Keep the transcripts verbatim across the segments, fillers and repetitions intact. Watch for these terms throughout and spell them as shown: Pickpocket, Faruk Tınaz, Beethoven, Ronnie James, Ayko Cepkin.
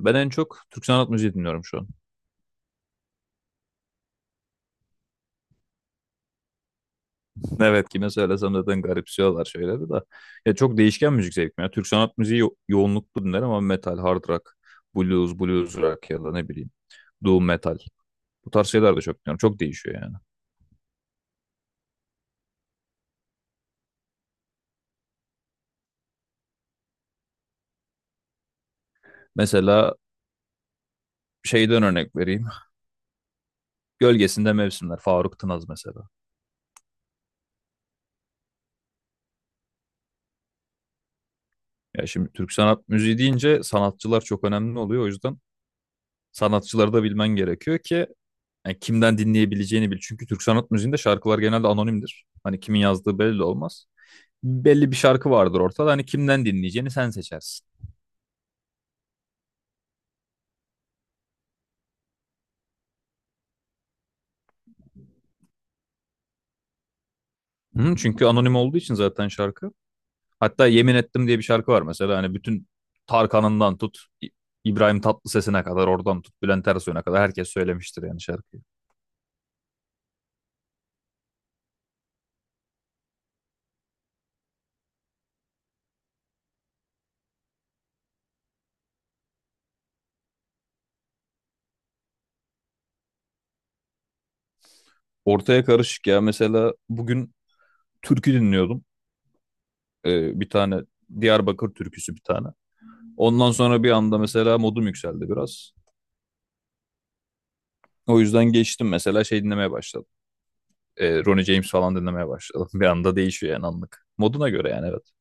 Ben en çok Türk sanat müziği dinliyorum şu an. Evet kime söylesem zaten garipsiyorlar şeyleri de. Ya çok değişken müzik zevkim ya. Türk sanat müziği yo- yoğunluklu dinlerim ama metal, hard rock, blues, blues rock ya da ne bileyim doom metal. Bu tarz şeyler de çok dinliyorum. Çok değişiyor yani. Mesela şeyden örnek vereyim. Gölgesinde Mevsimler, Faruk Tınaz mesela. Ya şimdi Türk sanat müziği deyince sanatçılar çok önemli oluyor. O yüzden sanatçıları da bilmen gerekiyor ki yani kimden dinleyebileceğini bil. Çünkü Türk sanat müziğinde şarkılar genelde anonimdir. Hani kimin yazdığı belli olmaz. Belli bir şarkı vardır ortada. Hani kimden dinleyeceğini sen seçersin. Hı, çünkü anonim olduğu için zaten şarkı. Hatta Yemin Ettim diye bir şarkı var mesela. Hani bütün Tarkan'ından tut, İbrahim Tatlıses'ine kadar, oradan tut, Bülent Ersoy'una kadar herkes söylemiştir yani şarkıyı. Ortaya karışık ya. Mesela bugün türkü dinliyordum. Ee, bir tane Diyarbakır türküsü bir tane. Ondan sonra bir anda mesela modum yükseldi biraz. O yüzden geçtim mesela şey dinlemeye başladım. Ee, Ronnie James falan dinlemeye başladım. Bir anda değişiyor yani anlık. Moduna göre yani evet.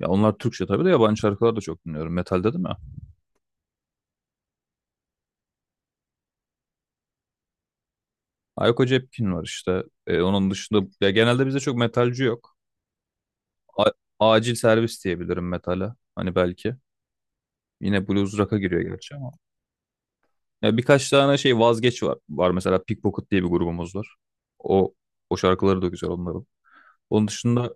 Ya onlar Türkçe tabii de yabancı şarkılar da çok dinliyorum. Metal dedim ya. Ayko Cepkin var işte. Ee, onun dışında ya genelde bizde çok metalci yok. A- acil servis diyebilirim metale. Hani belki. Yine blues rock'a giriyor gerçi ama. Ya birkaç tane şey vazgeç var. Var mesela Pickpocket diye bir grubumuz var. O o şarkıları da güzel onların. Onun dışında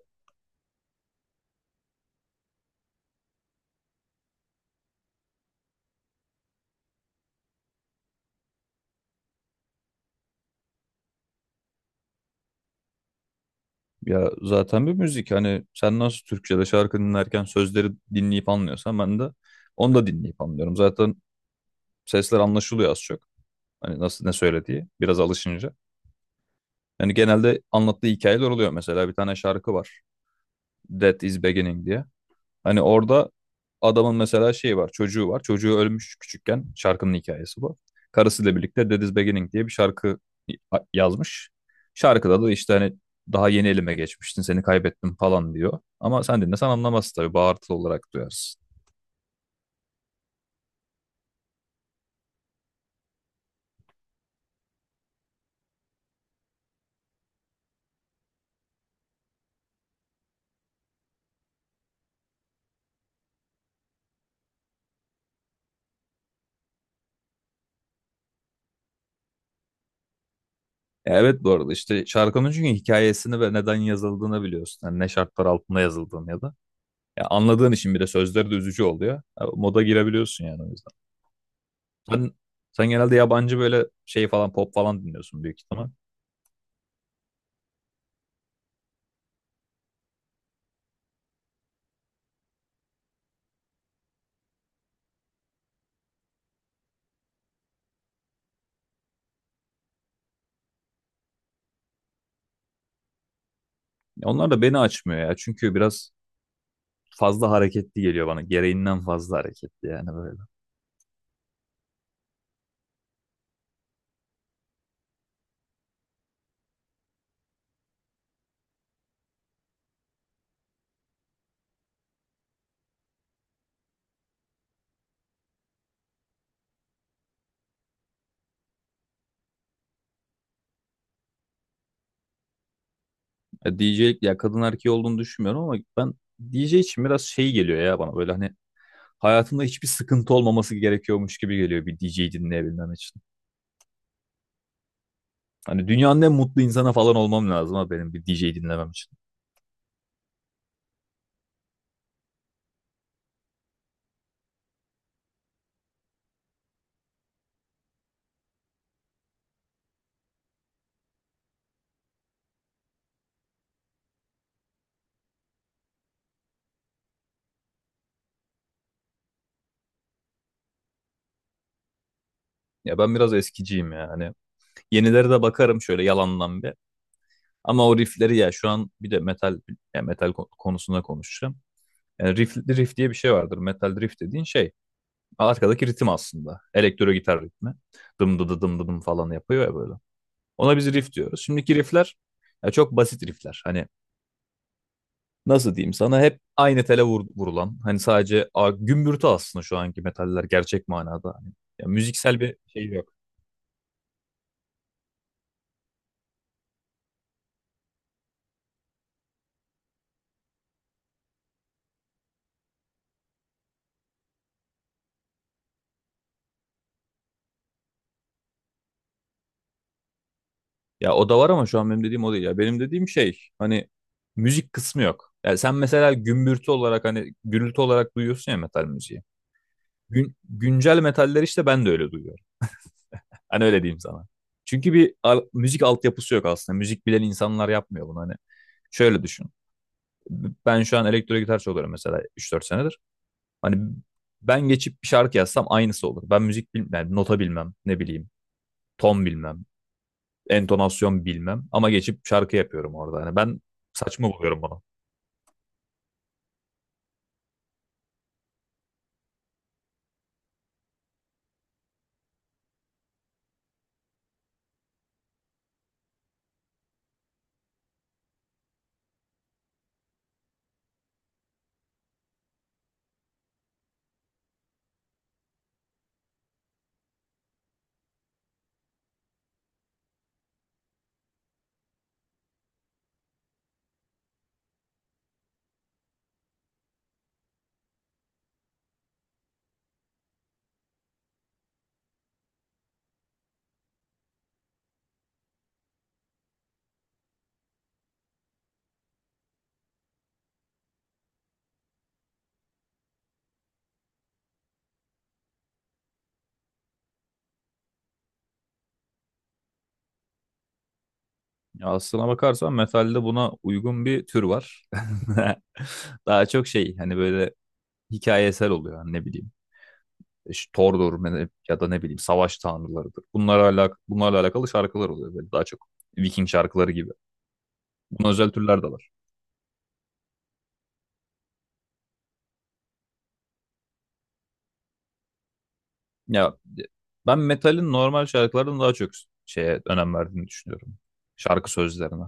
ya zaten bir müzik hani sen nasıl Türkçe'de şarkı dinlerken sözleri dinleyip anlıyorsan ben de onu da dinleyip anlıyorum. Zaten sesler anlaşılıyor az çok. Hani nasıl ne söylediği biraz alışınca. Yani genelde anlattığı hikayeler oluyor. Mesela bir tane şarkı var. That is Beginning diye. Hani orada adamın mesela şeyi var, çocuğu var. Çocuğu ölmüş küçükken. Şarkının hikayesi bu. Karısıyla birlikte Dead is Beginning diye bir şarkı a- yazmış. Şarkıda da işte hani daha yeni elime geçmiştin, seni kaybettim falan diyor. Ama sen dinlesen anlamazsın tabii, bağırtılı olarak duyarsın. Ya evet, bu arada işte şarkının çünkü hikayesini ve neden yazıldığını biliyorsun. Yani ne şartlar altında yazıldığını ya da. Ya anladığın için bir de sözleri de üzücü oluyor. Ya moda girebiliyorsun yani o yüzden. Sen, sen genelde yabancı böyle şey falan pop falan dinliyorsun büyük ihtimal. Onlar da beni açmıyor ya. Çünkü biraz fazla hareketli geliyor bana. Gereğinden fazla hareketli yani böyle. Ya D J'lik ya kadın erkeği olduğunu düşünmüyorum ama ben D J için biraz şey geliyor ya bana böyle hani hayatında hiçbir sıkıntı olmaması gerekiyormuş gibi geliyor bir D J'yi dinleyebilmem için. Hani dünyanın en mutlu insana falan olmam lazım ha benim bir D J'yi dinlemem için. Ya ben biraz eskiciyim ya. Hani yenilere de bakarım şöyle yalandan bir. Ama o riffleri ya şu an bir de metal ya metal ko- konusunda konuşacağım. Yani riff, riff diye bir şey vardır. Metal riff dediğin şey arkadaki ritim aslında. Elektro gitar ritmi. Dım dı dı dım dı dım falan yapıyor ya böyle. Ona biz riff diyoruz. Şimdiki riffler ya çok basit riffler. Hani nasıl diyeyim sana hep aynı tele vur- vurulan. Hani sadece a, gümbürtü aslında şu anki metaller gerçek manada. Hani, ya müziksel bir şey yok. Ya o da var ama şu an benim dediğim o değil. Ya benim dediğim şey hani müzik kısmı yok. Yani sen mesela gümbürtü olarak hani gürültü olarak duyuyorsun ya metal müziği. Gün, güncel metaller işte ben de öyle duyuyorum. Hani öyle diyeyim sana. Çünkü bir al- müzik altyapısı yok aslında. Müzik bilen insanlar yapmıyor bunu. Hani şöyle düşün. Ben şu an elektro gitar çalıyorum mesela üç dört senedir. Hani ben geçip bir şarkı yazsam aynısı olur. Ben müzik bilmem, yani nota bilmem, ne bileyim, ton bilmem, entonasyon bilmem ama geçip şarkı yapıyorum orada. Hani ben saçma buluyorum bunu. Ya aslına bakarsan metalde buna uygun bir tür var. Daha çok şey hani böyle hikayesel oluyor hani ne bileyim. İşte Thor'dur ya da ne bileyim savaş tanrılarıdır. Bunlarla alakalı, bunlarla alakalı şarkılar oluyor böyle daha çok. Viking şarkıları gibi. Buna özel türler de var. Ya e, ben metalin normal şarkılardan daha çok şeye önem verdiğini düşünüyorum. Şarkı sözlerine.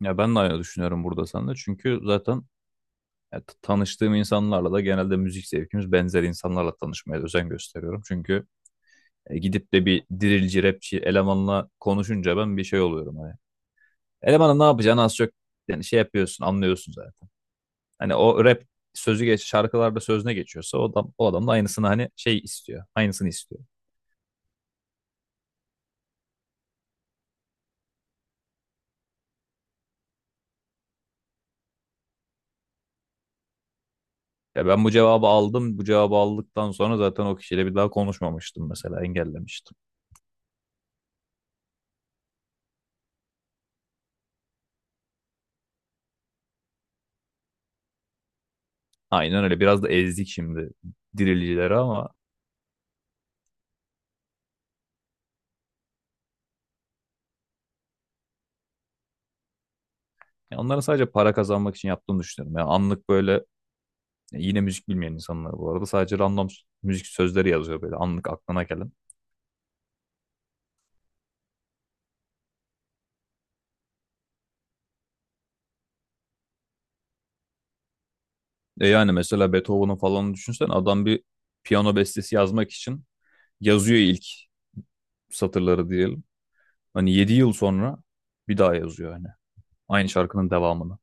Ya ben de aynı düşünüyorum burada seninle. Çünkü zaten ya, t- tanıştığım insanlarla da genelde müzik zevkimiz benzer insanlarla tanışmaya özen gösteriyorum. Çünkü e, gidip de bir dirilci, rapçi elemanla konuşunca ben bir şey oluyorum. Hani. Elemanın ne yapacağını az çok yani şey yapıyorsun, anlıyorsun zaten. Hani o rap sözü geç şarkılarda sözüne geçiyorsa o adam, o adam da aynısını hani şey istiyor. Aynısını istiyor. Ya ben bu cevabı aldım. Bu cevabı aldıktan sonra zaten o kişiyle bir daha konuşmamıştım mesela. Engellemiştim. Aynen öyle. Biraz da ezdik şimdi dirilicileri ama ya onların sadece para kazanmak için yaptığını düşünüyorum. Yani anlık böyle ya yine müzik bilmeyen insanlar bu arada. Sadece random s- müzik sözleri yazıyor böyle anlık aklına gelen. E yani mesela Beethoven'ın falan düşünsen adam bir piyano bestesi yazmak için yazıyor ilk satırları diyelim. Hani yedi yıl sonra bir daha yazıyor hani. Aynı şarkının devamını.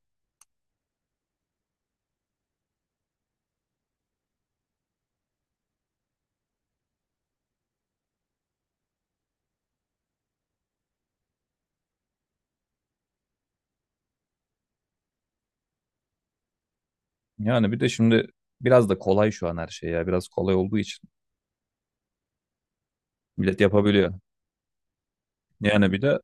Yani bir de şimdi biraz da kolay şu an her şey ya. Biraz kolay olduğu için millet yapabiliyor. Yani bir de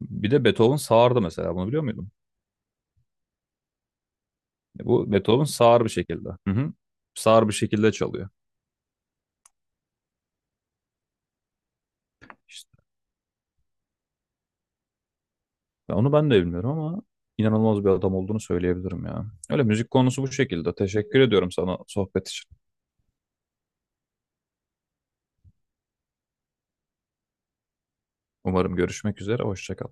bir de Beethoven sağırdı mesela. Bunu biliyor muydun? E, Bu Beethoven sağır bir şekilde. Hı hı. Sağır bir şekilde çalıyor. İşte ben- onu ben de bilmiyorum ama inanılmaz bir adam olduğunu söyleyebilirim ya. Öyle müzik konusu bu şekilde. Teşekkür ediyorum sana sohbet için. Umarım görüşmek üzere. Hoşça kal.